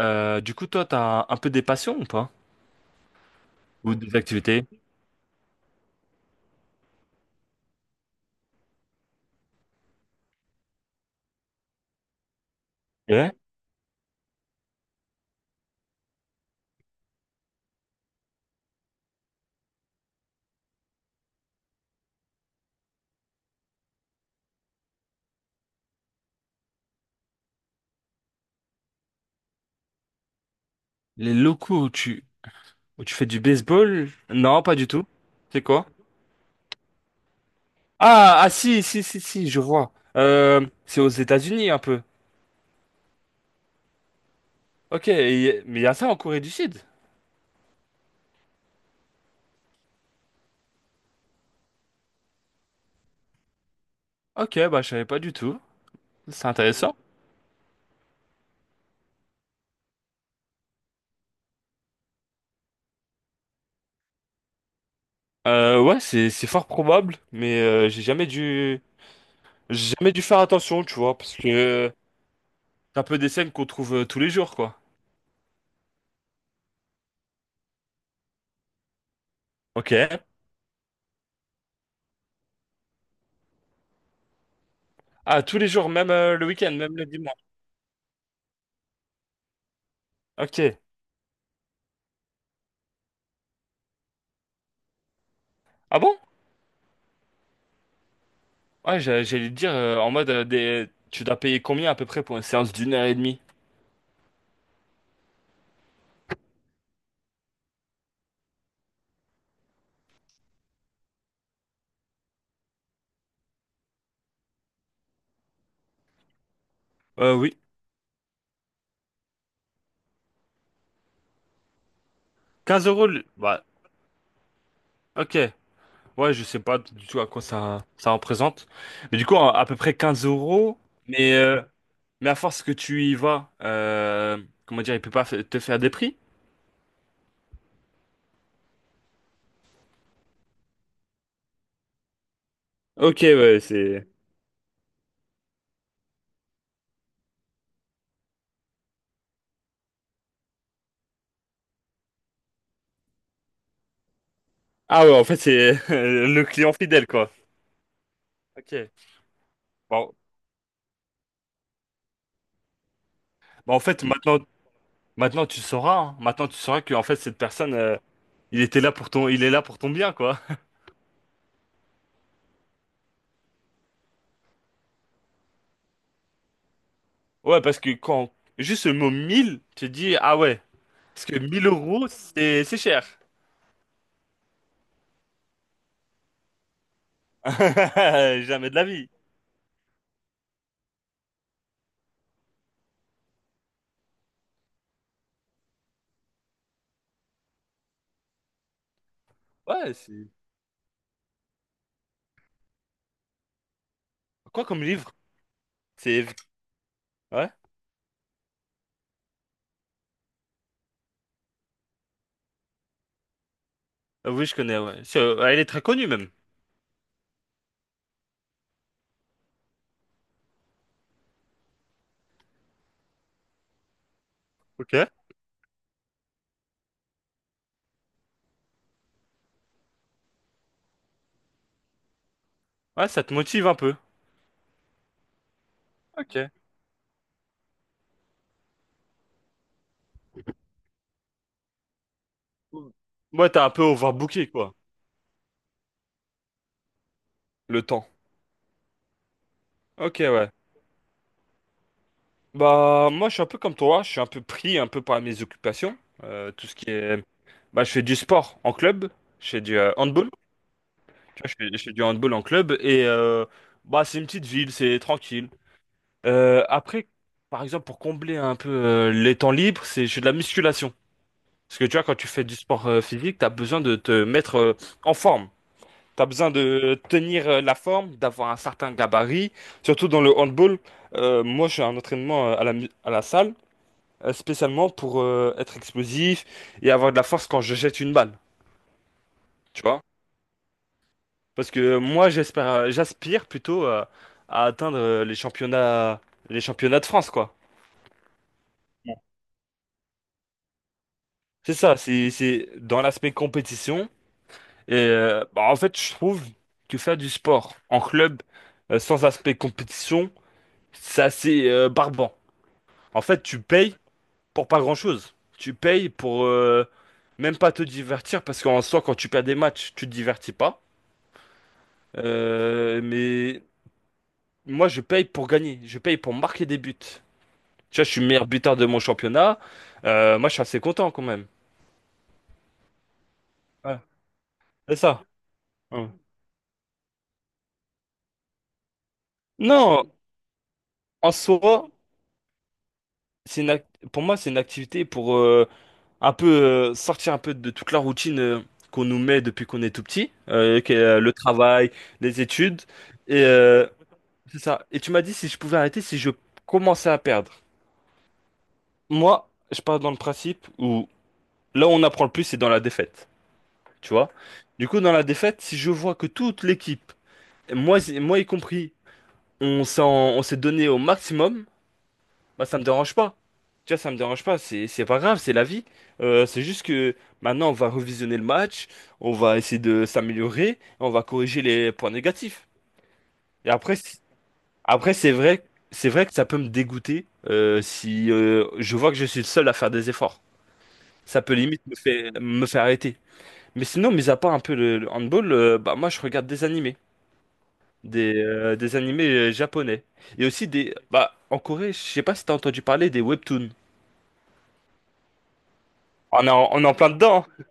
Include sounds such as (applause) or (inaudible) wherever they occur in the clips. Du coup, toi, t'as un peu des passions ou pas? Ou des activités? Ouais. Les locaux où tu fais du baseball? Non, pas du tout. C'est quoi? Ah, ah, si, si, si, si, je vois. C'est aux États-Unis un peu. Ok, mais il y a ça en Corée du Sud. Ok, bah je savais pas du tout. C'est intéressant. Ouais, c'est fort probable, mais j'ai jamais dû faire attention, tu vois, parce que c'est un peu des scènes qu'on trouve tous les jours, quoi. Ok. Ah, tous les jours, même le week-end, même le dimanche. Ok. Ah bon? Ouais, j'allais te dire, en mode, tu dois payer combien à peu près pour une séance d'une heure et demie? Oui. 15 euros, bah, ok. Ouais, je sais pas du tout à quoi ça, ça représente. Mais du coup, à peu près 15 euros. Mais, euh, mais à force que tu y vas, comment dire, il peut pas te faire des prix? Ok, ouais, c'est... Ah ouais, en fait, c'est (laughs) le client fidèle, quoi. Ok. Bon, bah, en fait, maintenant tu sauras, hein. Maintenant, tu sauras que, en fait, cette personne, il est là pour ton bien, quoi. Ouais, parce que quand juste le mot 1000 tu te dis, ah ouais, parce que 1 000 euros, c'est cher. (laughs) Jamais de la vie. Ouais, c'est... Quoi comme livre? C'est... Ouais? Ah oui, je connais, ouais. Elle est très connue, même. Ok. Ouais, ça te motive un peu. Ok. Ouais, t'as un peu overbooké, quoi. Le temps. Ok, ouais. Bah, moi, je suis un peu comme toi. Je suis un peu pris un peu par mes occupations. Tout ce qui est... Bah, je fais du sport en club. Je fais du handball. Tu vois, je fais du handball en club et bah, c'est une petite ville, c'est tranquille. Après, par exemple, pour combler un peu les temps libres, je fais de la musculation. Parce que tu vois, quand tu fais du sport physique, tu as besoin de te mettre en forme. Tu as besoin de tenir la forme, d'avoir un certain gabarit. Surtout dans le handball, moi, je fais un entraînement à la salle, spécialement pour être explosif et avoir de la force quand je jette une balle. Tu vois. Parce que moi, j'aspire plutôt à atteindre les championnats de France, quoi. Bon. C'est ça, c'est dans l'aspect compétition. Et bah, en fait, je trouve que faire du sport en club sans aspect compétition, c'est assez barbant. En fait, tu payes pour pas grand-chose. Tu payes pour même pas te divertir, parce qu'en soi, quand tu perds des matchs, tu te divertis pas. Mais moi, je paye pour gagner, je paye pour marquer des buts. Tu vois, je suis meilleur buteur de mon championnat. Moi, je suis assez content quand même. Ouais, c'est ça. Ouais. Non, en soi, c'est une ac- pour moi, c'est une activité pour un peu sortir un peu de toute la routine qu'on nous met depuis qu'on est tout petit, qui est, le travail, les études. Et c'est ça. Et tu m'as dit si je pouvais arrêter, si je commençais à perdre. Moi, je pars dans le principe où là où on apprend le plus, c'est dans la défaite. Tu vois? Du coup, dans la défaite, si je vois que toute l'équipe, moi, moi y compris, on s'en, on s'est donné au maximum, bah ça me dérange pas. Tu vois, ça me dérange pas, c'est pas grave, c'est la vie. C'est juste que maintenant on va revisionner le match, on va essayer de s'améliorer, on va corriger les points négatifs. Et après, après c'est vrai que ça peut me dégoûter si je vois que je suis le seul à faire des efforts. Ça peut limite me faire arrêter. Mais sinon, mis à part un peu le handball, bah moi je regarde des animés. Des animés japonais. Et aussi des... Bah, en Corée, je sais pas si t'as entendu parler des webtoons. On est en plein dedans, hein.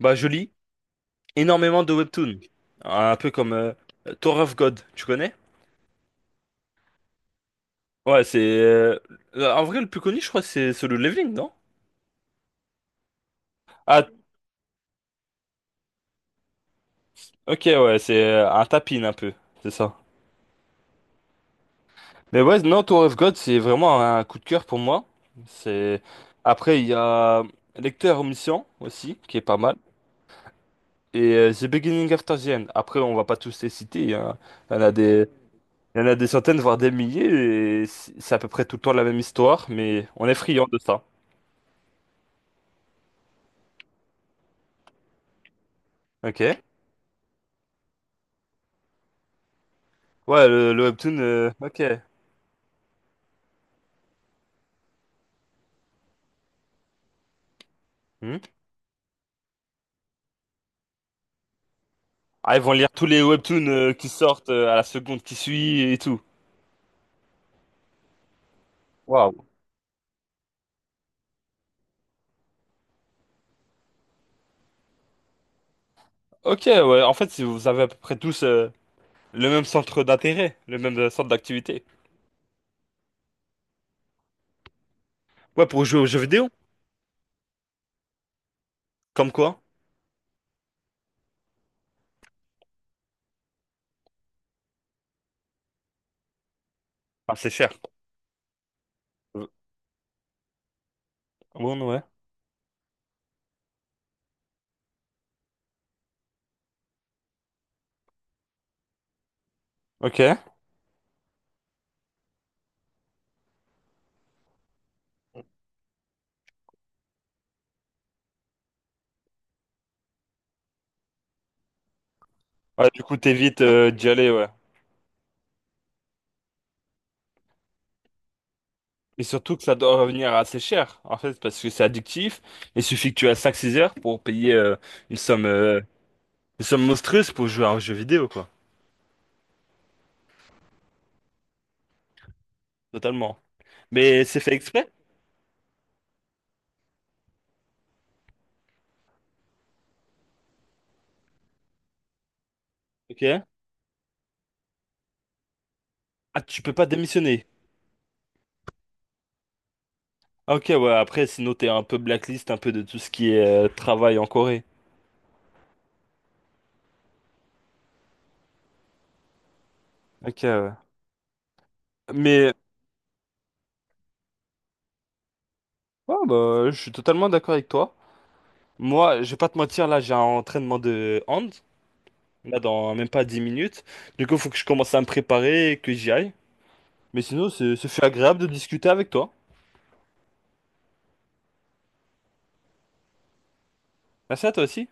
Bah, je lis énormément de webtoons. Un peu comme Tower of God, tu connais? Ouais, c'est... en vrai, le plus connu, je crois, c'est Solo Leveling, non? Ah, ok, ouais, c'est un tapin un peu, c'est ça. Mais ouais, non, Tower of God, c'est vraiment un coup de cœur pour moi. C'est... Après, il y a Lecteur Omniscient aussi, qui est pas mal. Et The Beginning of the End. Après, on va pas tous les citer, hein. Il y en a des, il y en a des centaines, voire des milliers. Et c'est à peu près tout le temps la même histoire, mais on est friand de ça. Ok. Ouais, le webtoon. Ok. Hmm. Ah, ils vont lire tous les webtoons qui sortent à la seconde qui suit et tout. Waouh. Ok, ouais. En fait, si vous avez à peu près tous le même centre d'intérêt, le même centre d'activité. Ouais, pour jouer aux jeux vidéo. Comme quoi? Ah, c'est cher. Euh, Bon, ouais. Ok. Ouais, du coup, t'évites d'y aller, ouais. Et surtout que ça doit revenir assez cher, en fait, parce que c'est addictif. Il suffit que tu aies cinq six heures pour payer une somme, euh, une somme monstrueuse pour jouer à un jeu vidéo, quoi. Totalement. Mais c'est fait exprès, ok? Ah, tu peux pas démissionner. Ah, ok, ouais, après, sinon t'es un peu blacklist, un peu de tout ce qui est travail en Corée. Ok, ouais. Mais, ouais, bah, je suis totalement d'accord avec toi. Moi, je vais pas te mentir, là, j'ai un entraînement de hand, là, dans même pas 10 minutes. Du coup, faut que je commence à me préparer, et que j'y aille. Mais sinon, ce fut agréable de discuter avec toi. Merci à toi aussi.